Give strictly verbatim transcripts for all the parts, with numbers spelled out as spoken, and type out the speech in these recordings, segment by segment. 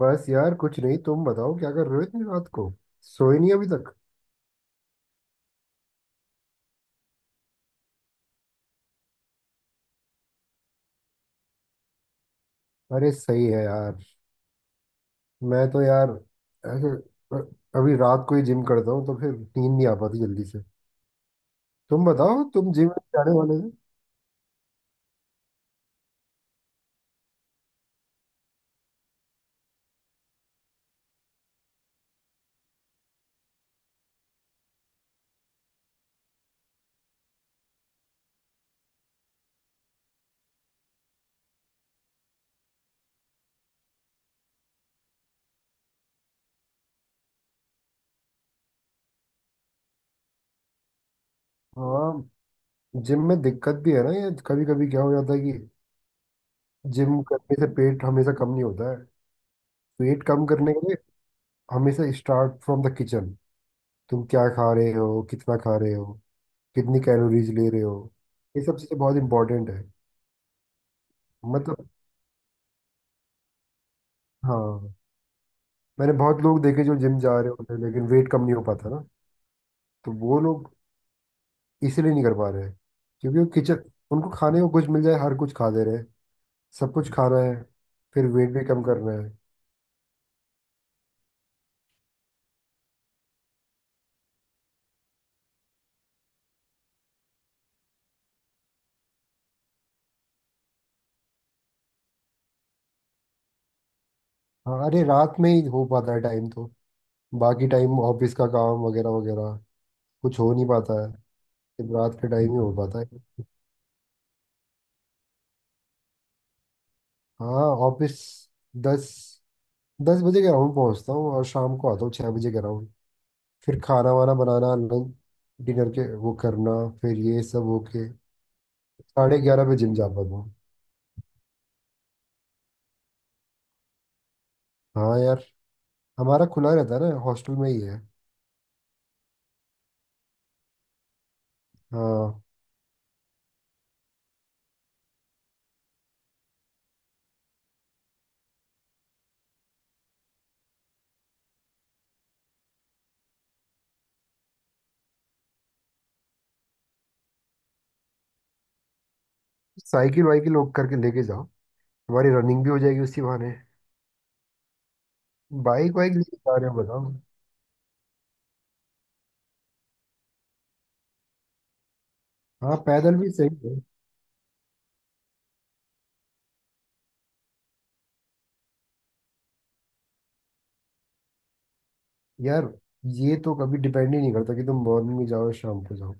बस यार कुछ नहीं। तुम बताओ क्या कर रहे हो इतनी रात को? सोए नहीं अभी तक? अरे सही है यार। मैं तो यार ऐसे अभी रात को ही जिम करता हूँ, तो फिर नींद नहीं आ पाती जल्दी से। तुम बताओ, तुम जिम जाने वाले थे? हाँ, जिम में दिक्कत भी है ना, ये कभी कभी क्या हो जाता है कि जिम करने से पेट हमेशा कम नहीं होता है। पेट कम करने के लिए हमेशा स्टार्ट फ्रॉम द किचन। तुम क्या खा रहे हो, कितना खा रहे हो, कितनी कैलोरीज ले रहे हो, ये सब चीज़ें बहुत इंपॉर्टेंट है। मतलब हाँ, मैंने बहुत लोग देखे जो जिम जा रहे होते हैं लेकिन वेट कम नहीं हो पाता ना। तो वो लोग इसीलिए नहीं कर पा रहे हैं, क्योंकि वो किचन, उनको खाने को कुछ मिल जाए हर कुछ खा ले रहे हैं। सब कुछ खाना है, फिर वेट भी कम करना है। हाँ, अरे रात में ही हो पाता है टाइम तो। बाकी टाइम ऑफिस का काम वगैरह वगैरह, कुछ हो नहीं पाता है। सिर्फ रात के टाइम ही हो पाता है। हाँ, ऑफिस दस दस बजे ग्राउंड पहुंचता हूँ, और शाम को आता हूँ छः बजे ग्राउंड। फिर खाना वाना बनाना, लंच डिनर के वो करना, फिर ये सब होके साढ़े ग्यारह बजे जिम जा पाता हूँ। हाँ यार, हमारा खुला रहता है ना, हॉस्टल में ही है। हाँ। साइकिल वाइकिल लोग करके लेके जाओ, हमारी रनिंग भी हो जाएगी उसी बहाने। बाइक वाइक लेके जा रहे हो बताओ? हाँ, पैदल भी सही है। यार, ये तो कभी डिपेंड ही नहीं करता कि तुम मॉर्निंग में जाओ या शाम को जाओ।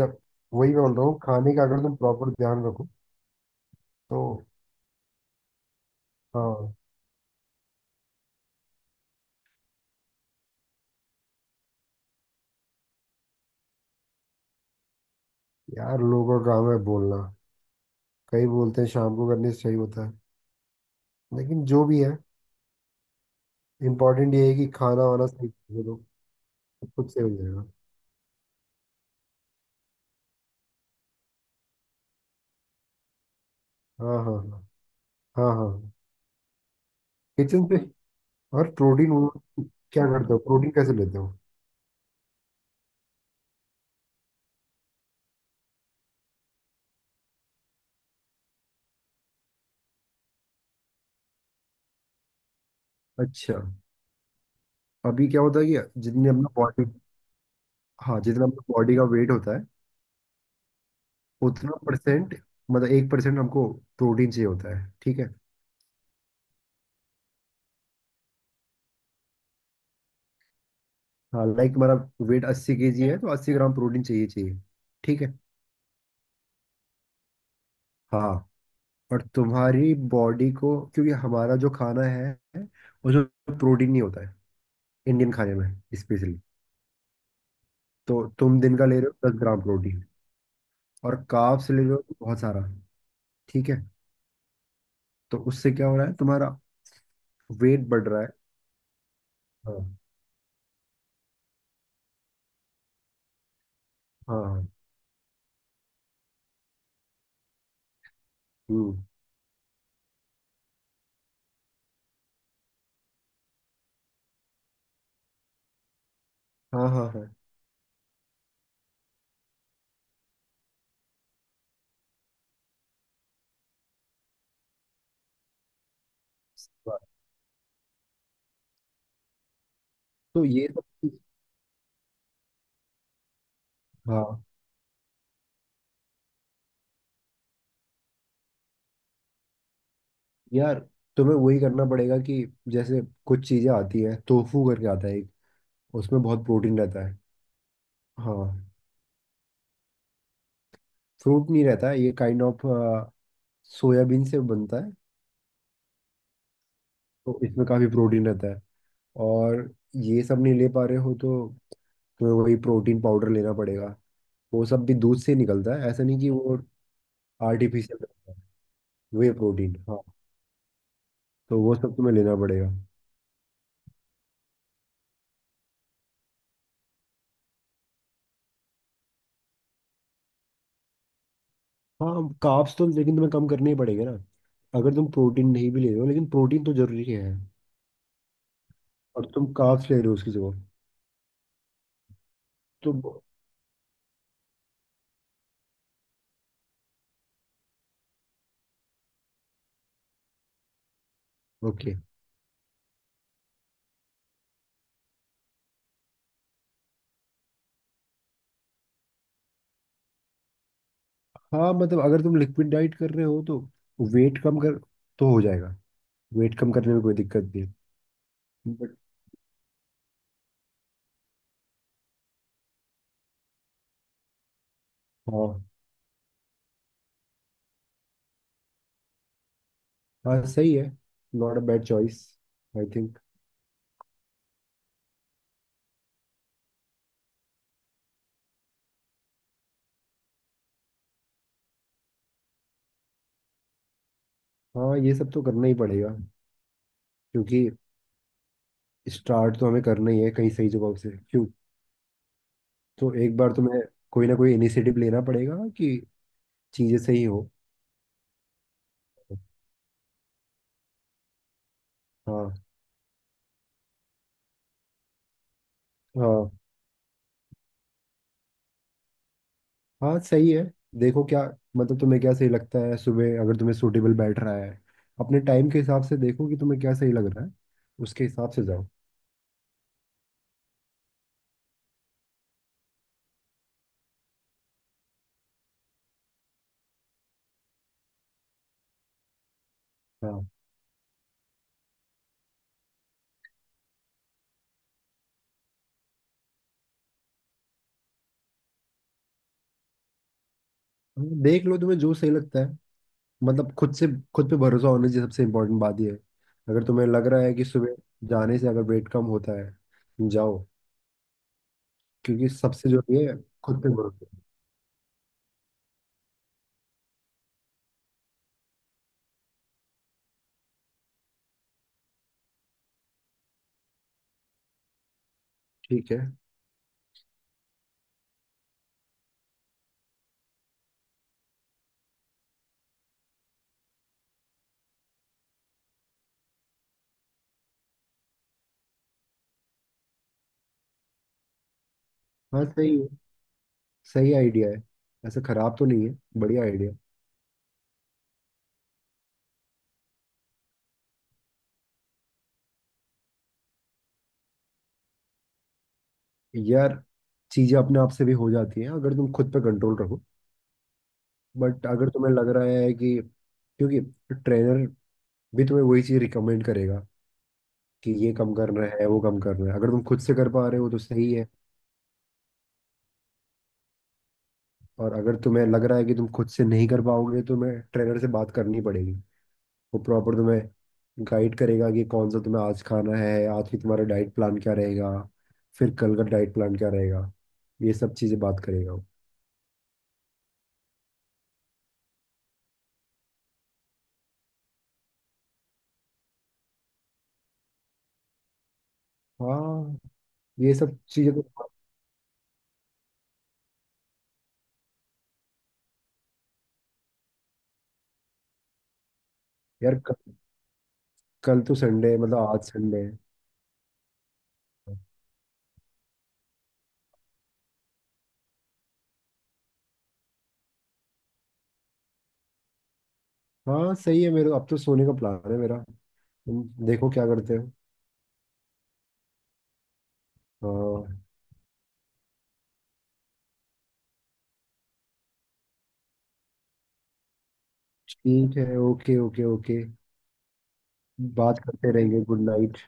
जब, वही मैं बोल रहा हूँ, खाने का अगर तुम प्रॉपर ध्यान रखो तो। हाँ, यार लोगों का काम है बोलना। कई बोलते हैं शाम को करने से सही होता है, लेकिन जो भी है, इम्पोर्टेंट ये है कि खाना वाना सही दे दो, तो खुद से हो जाएगा। हाँ हाँ हाँ, हाँ हाँ। किचन से। और प्रोटीन वो, क्या करते हो, प्रोटीन कैसे लेते हो? अच्छा, अभी क्या होता है कि जितनी अपना बॉडी, हाँ, जितना अपना बॉडी का वेट होता है, उतना परसेंट, मतलब एक परसेंट हमको प्रोटीन चाहिए होता है, ठीक है? हाँ, लाइक हमारा वेट अस्सी केजी है तो अस्सी ग्राम प्रोटीन चाहिए चाहिए ठीक है? हाँ, और तुम्हारी बॉडी को, क्योंकि हमारा जो खाना है उसमें प्रोटीन नहीं होता है, इंडियन खाने में स्पेशली। तो तुम दिन का ले रहे हो दस ग्राम प्रोटीन और कार्ब्स ले रहे हो बहुत सारा, ठीक है? तो उससे क्या हो रहा है, तुम्हारा वेट बढ़ रहा है। हाँ हाँ हाँ, हम्म, हाँ हाँ हाँ। सही बात। तो ये सब चीज़- हाँ यार, तुम्हें वही करना पड़ेगा कि जैसे कुछ चीज़ें आती हैं, टोफू करके आता है एक, उसमें बहुत प्रोटीन रहता है। हाँ, फ्रूट नहीं रहता है ये, काइंड ऑफ सोयाबीन से बनता है, तो इसमें काफ़ी प्रोटीन रहता है। और ये सब नहीं ले पा रहे हो तो तुम्हें वही प्रोटीन पाउडर लेना पड़ेगा। वो सब भी दूध से ही निकलता है, ऐसा नहीं कि वो आर्टिफिशियल है, वे प्रोटीन हाँ। तो वो सब तुम्हें लेना पड़ेगा। हाँ, कार्ब्स तो लेकिन तुम्हें कम करने ही पड़ेगा ना। अगर तुम प्रोटीन नहीं भी ले रहे हो, लेकिन प्रोटीन तो जरूरी है, और तुम कार्ब्स ले रहे हो उसकी जगह, तो। ओके, हाँ मतलब अगर तुम लिक्विड डाइट कर रहे हो तो वेट कम कर तो हो जाएगा। वेट कम करने में कोई दिक्कत नहीं है बट। हाँ, हाँ सही है, not a bad choice I think. हाँ, ये सब तो करना ही पड़ेगा, क्योंकि स्टार्ट तो हमें करना ही है कहीं सही जगह से क्यों। तो एक बार तो मैं, कोई ना कोई इनिशिएटिव लेना पड़ेगा कि चीजें सही हो। हाँ हाँ हाँ, सही है। देखो क्या, मतलब तुम्हें क्या सही लगता है, सुबह अगर तुम्हें सूटेबल बैठ रहा है, अपने टाइम के हिसाब से देखो कि तुम्हें क्या सही लग रहा है, उसके हिसाब से जाओ। हाँ, हाँ, देख लो तुम्हें जो सही लगता है, मतलब खुद से। खुद पे भरोसा होने की सबसे इम्पोर्टेंट बात यह है, अगर तुम्हें लग रहा है कि सुबह जाने से अगर वेट कम होता है जाओ। क्योंकि सबसे जो ये है, खुद पे भरोसा। ठीक है। हाँ सही है, सही आइडिया है, ऐसा खराब तो नहीं है, बढ़िया आइडिया। यार, चीजें अपने आप से भी हो जाती हैं अगर तुम खुद पे कंट्रोल रखो। बट अगर तुम्हें लग रहा है कि, क्योंकि ट्रेनर भी तुम्हें वही चीज रिकमेंड करेगा कि ये कम करना है वो कम करना है, अगर तुम खुद से कर पा रहे हो तो सही है। और अगर तुम्हें लग रहा है कि तुम खुद से नहीं कर पाओगे, तो तुम्हें ट्रेनर से बात करनी पड़ेगी। वो प्रॉपर तुम्हें गाइड करेगा कि कौन सा तुम्हें आज खाना है, आज की तुम्हारा डाइट प्लान क्या रहेगा, फिर कल का डाइट प्लान क्या रहेगा। ये सब चीज़ें बात करेगा वो। हाँ, ये सब चीज़ें तो। यार कल, कल तो संडे है, मतलब आज संडे है। हाँ सही है, मेरे अब तो सोने का प्लान है मेरा, तुम देखो क्या करते हो। हाँ, ठीक है, ओके ओके ओके। बात करते रहेंगे, गुड नाइट।